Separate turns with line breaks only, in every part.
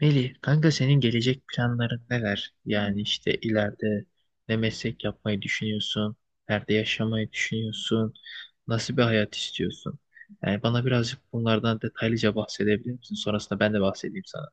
Melih, kanka senin gelecek planların neler? Yani işte ileride ne meslek yapmayı düşünüyorsun? Nerede yaşamayı düşünüyorsun? Nasıl bir hayat istiyorsun? Yani bana birazcık bunlardan detaylıca bahsedebilir misin? Sonrasında ben de bahsedeyim sana.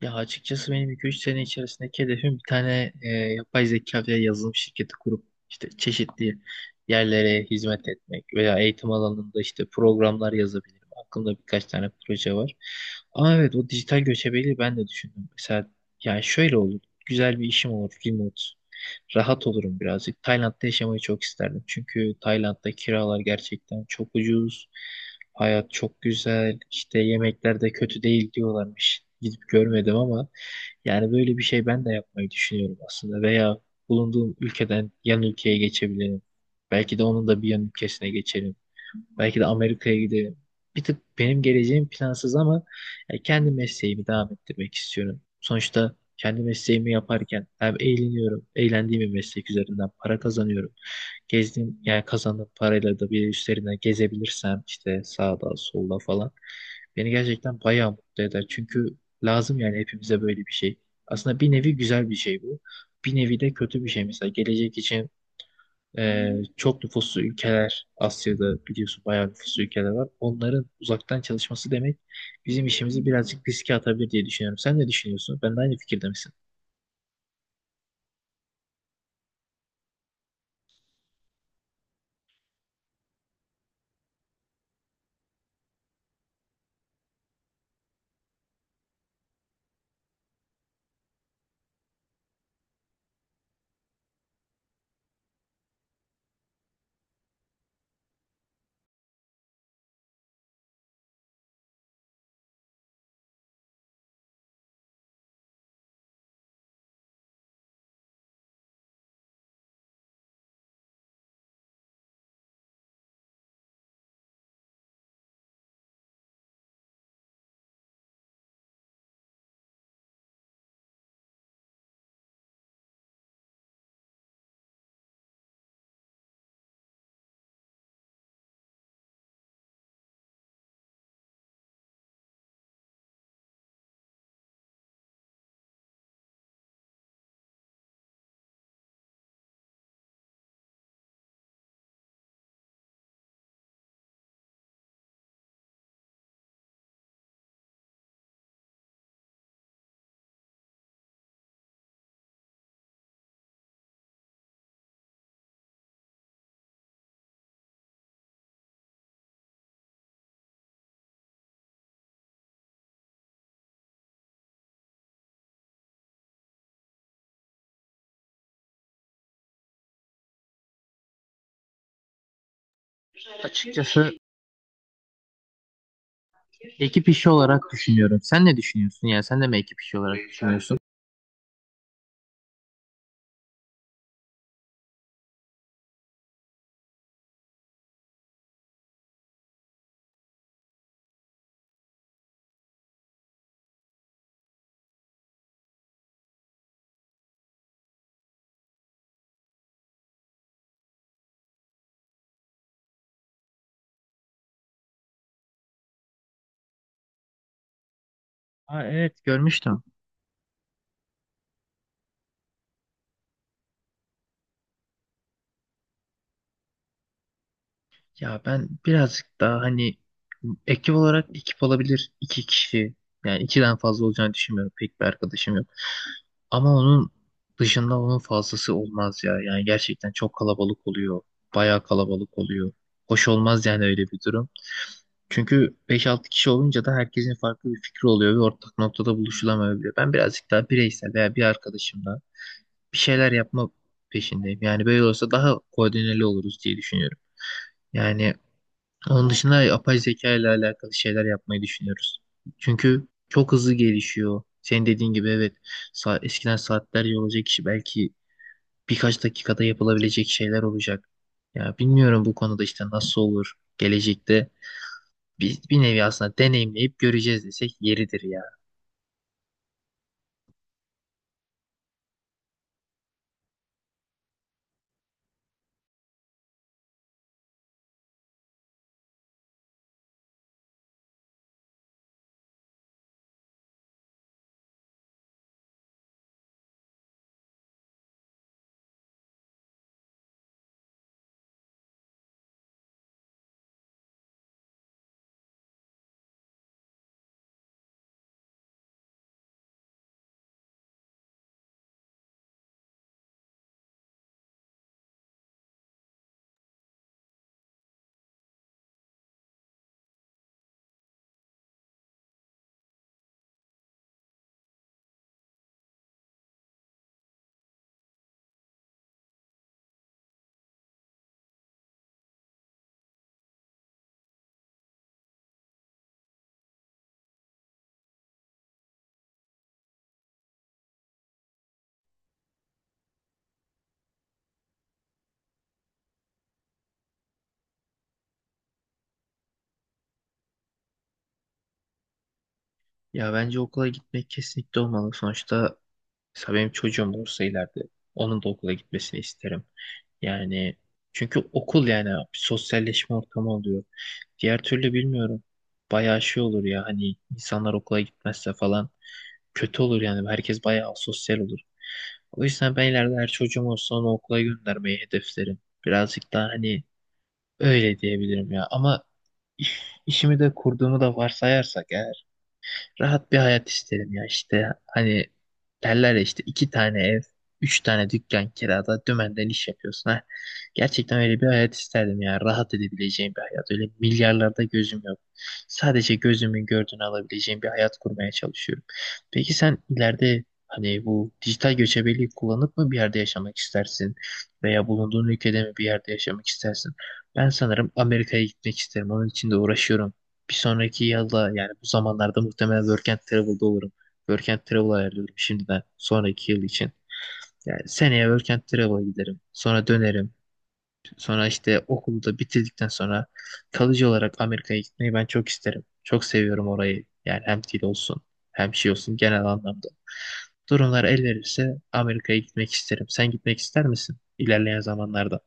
Ya açıkçası benim iki üç sene içerisindeki hedefim bir tane yapay zeka veya yazılım şirketi kurup işte çeşitli yerlere hizmet etmek veya eğitim alanında işte programlar yazabilirim. Aklımda birkaç tane proje var. Ama evet o dijital göçebeliği ben de düşündüm. Mesela yani şöyle olur. Güzel bir işim olur remote, rahat olurum birazcık. Tayland'da yaşamayı çok isterdim. Çünkü Tayland'da kiralar gerçekten çok ucuz. Hayat çok güzel. İşte yemekler de kötü değil diyorlarmış. Gidip görmedim ama yani böyle bir şey ben de yapmayı düşünüyorum aslında. Veya bulunduğum ülkeden yan ülkeye geçebilirim. Belki de onun da bir yan ülkesine geçerim. Belki de Amerika'ya giderim. Bir tık benim geleceğim plansız ama ya, kendi mesleğimi devam ettirmek istiyorum. Sonuçta kendi mesleğimi yaparken hem eğleniyorum, eğlendiğim bir meslek üzerinden para kazanıyorum. Gezdiğim, yani kazandığım parayla da bir üstlerine gezebilirsem işte sağda, solda falan beni gerçekten bayağı mutlu eder. Çünkü lazım yani hepimize böyle bir şey. Aslında bir nevi güzel bir şey bu. Bir nevi de kötü bir şey. Mesela gelecek için çok nüfuslu ülkeler, Asya'da biliyorsun bayağı nüfuslu ülkeler var. Onların uzaktan çalışması demek bizim işimizi birazcık riske atabilir diye düşünüyorum. Sen ne düşünüyorsun? Ben de aynı fikirde misin? Açıkçası ekip işi olarak düşünüyorum. Sen ne düşünüyorsun? Yani sen de mi ekip işi olarak düşünüyorsun? Aa, evet, görmüştüm. Ya ben birazcık daha hani ekip olarak, ekip olabilir iki kişi. Yani ikiden fazla olacağını düşünmüyorum. Pek bir arkadaşım yok. Ama onun dışında onun fazlası olmaz ya. Yani gerçekten çok kalabalık oluyor. Bayağı kalabalık oluyor. Hoş olmaz yani öyle bir durum. Çünkü beş altı kişi olunca da herkesin farklı bir fikri oluyor ve ortak noktada buluşulamayabiliyor. Ben birazcık daha bireysel veya bir arkadaşımla bir şeyler yapma peşindeyim. Yani böyle olsa daha koordineli oluruz diye düşünüyorum. Yani onun dışında yapay zeka ile alakalı şeyler yapmayı düşünüyoruz. Çünkü çok hızlı gelişiyor. Senin dediğin gibi, evet, eskiden saatlerce olacak işi belki birkaç dakikada yapılabilecek şeyler olacak. Ya bilmiyorum bu konuda işte nasıl olur gelecekte, bir, bir nevi aslında deneyimleyip göreceğiz desek yeridir ya. Ya bence okula gitmek kesinlikle olmalı. Sonuçta mesela benim çocuğum olursa ileride onun da okula gitmesini isterim. Yani çünkü okul yani bir sosyalleşme ortamı oluyor. Diğer türlü bilmiyorum. Bayağı şey olur ya, hani insanlar okula gitmezse falan kötü olur yani. Herkes bayağı sosyal olur. O yüzden ben ileride her çocuğum olsa onu okula göndermeyi hedeflerim. Birazcık daha hani öyle diyebilirim ya. Ama işimi de kurduğumu da varsayarsak rahat bir hayat isterim ya, işte hani derler ya, işte iki tane ev, üç tane dükkan kirada dümenden iş yapıyorsun ha. Gerçekten öyle bir hayat isterdim ya, rahat edebileceğim bir hayat. Öyle milyarlarda gözüm yok. Sadece gözümün gördüğünü alabileceğim bir hayat kurmaya çalışıyorum. Peki sen ileride hani bu dijital göçebeliği kullanıp mı bir yerde yaşamak istersin? Veya bulunduğun ülkede mi bir yerde yaşamak istersin? Ben sanırım Amerika'ya gitmek isterim. Onun için de uğraşıyorum. Bir sonraki yılda yani bu zamanlarda muhtemelen Work and Travel'da olurum. Work and Travel ayarlıyorum şimdiden sonraki yıl için. Yani seneye Work and Travel'a giderim. Sonra dönerim. Sonra işte okulu da bitirdikten sonra kalıcı olarak Amerika'ya gitmeyi ben çok isterim. Çok seviyorum orayı. Yani hem dil olsun hem şey olsun genel anlamda. Durumlar el verirse Amerika'ya gitmek isterim. Sen gitmek ister misin ilerleyen zamanlarda?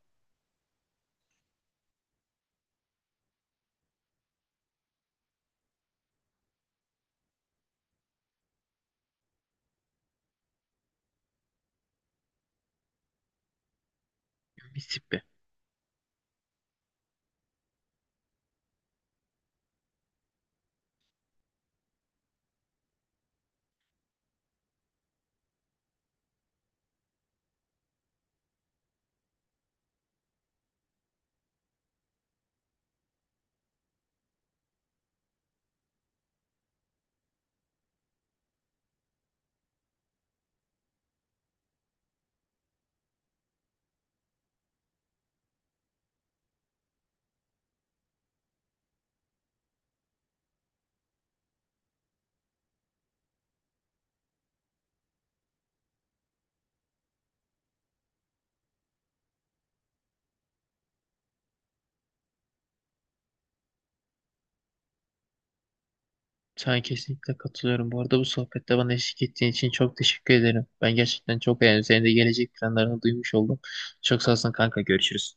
Mississippi. Sana kesinlikle katılıyorum. Bu arada bu sohbette bana eşlik ettiğin için çok teşekkür ederim. Ben gerçekten çok beğendim. Senin de gelecek planlarını duymuş oldum. Çok sağ olsun kanka. Görüşürüz.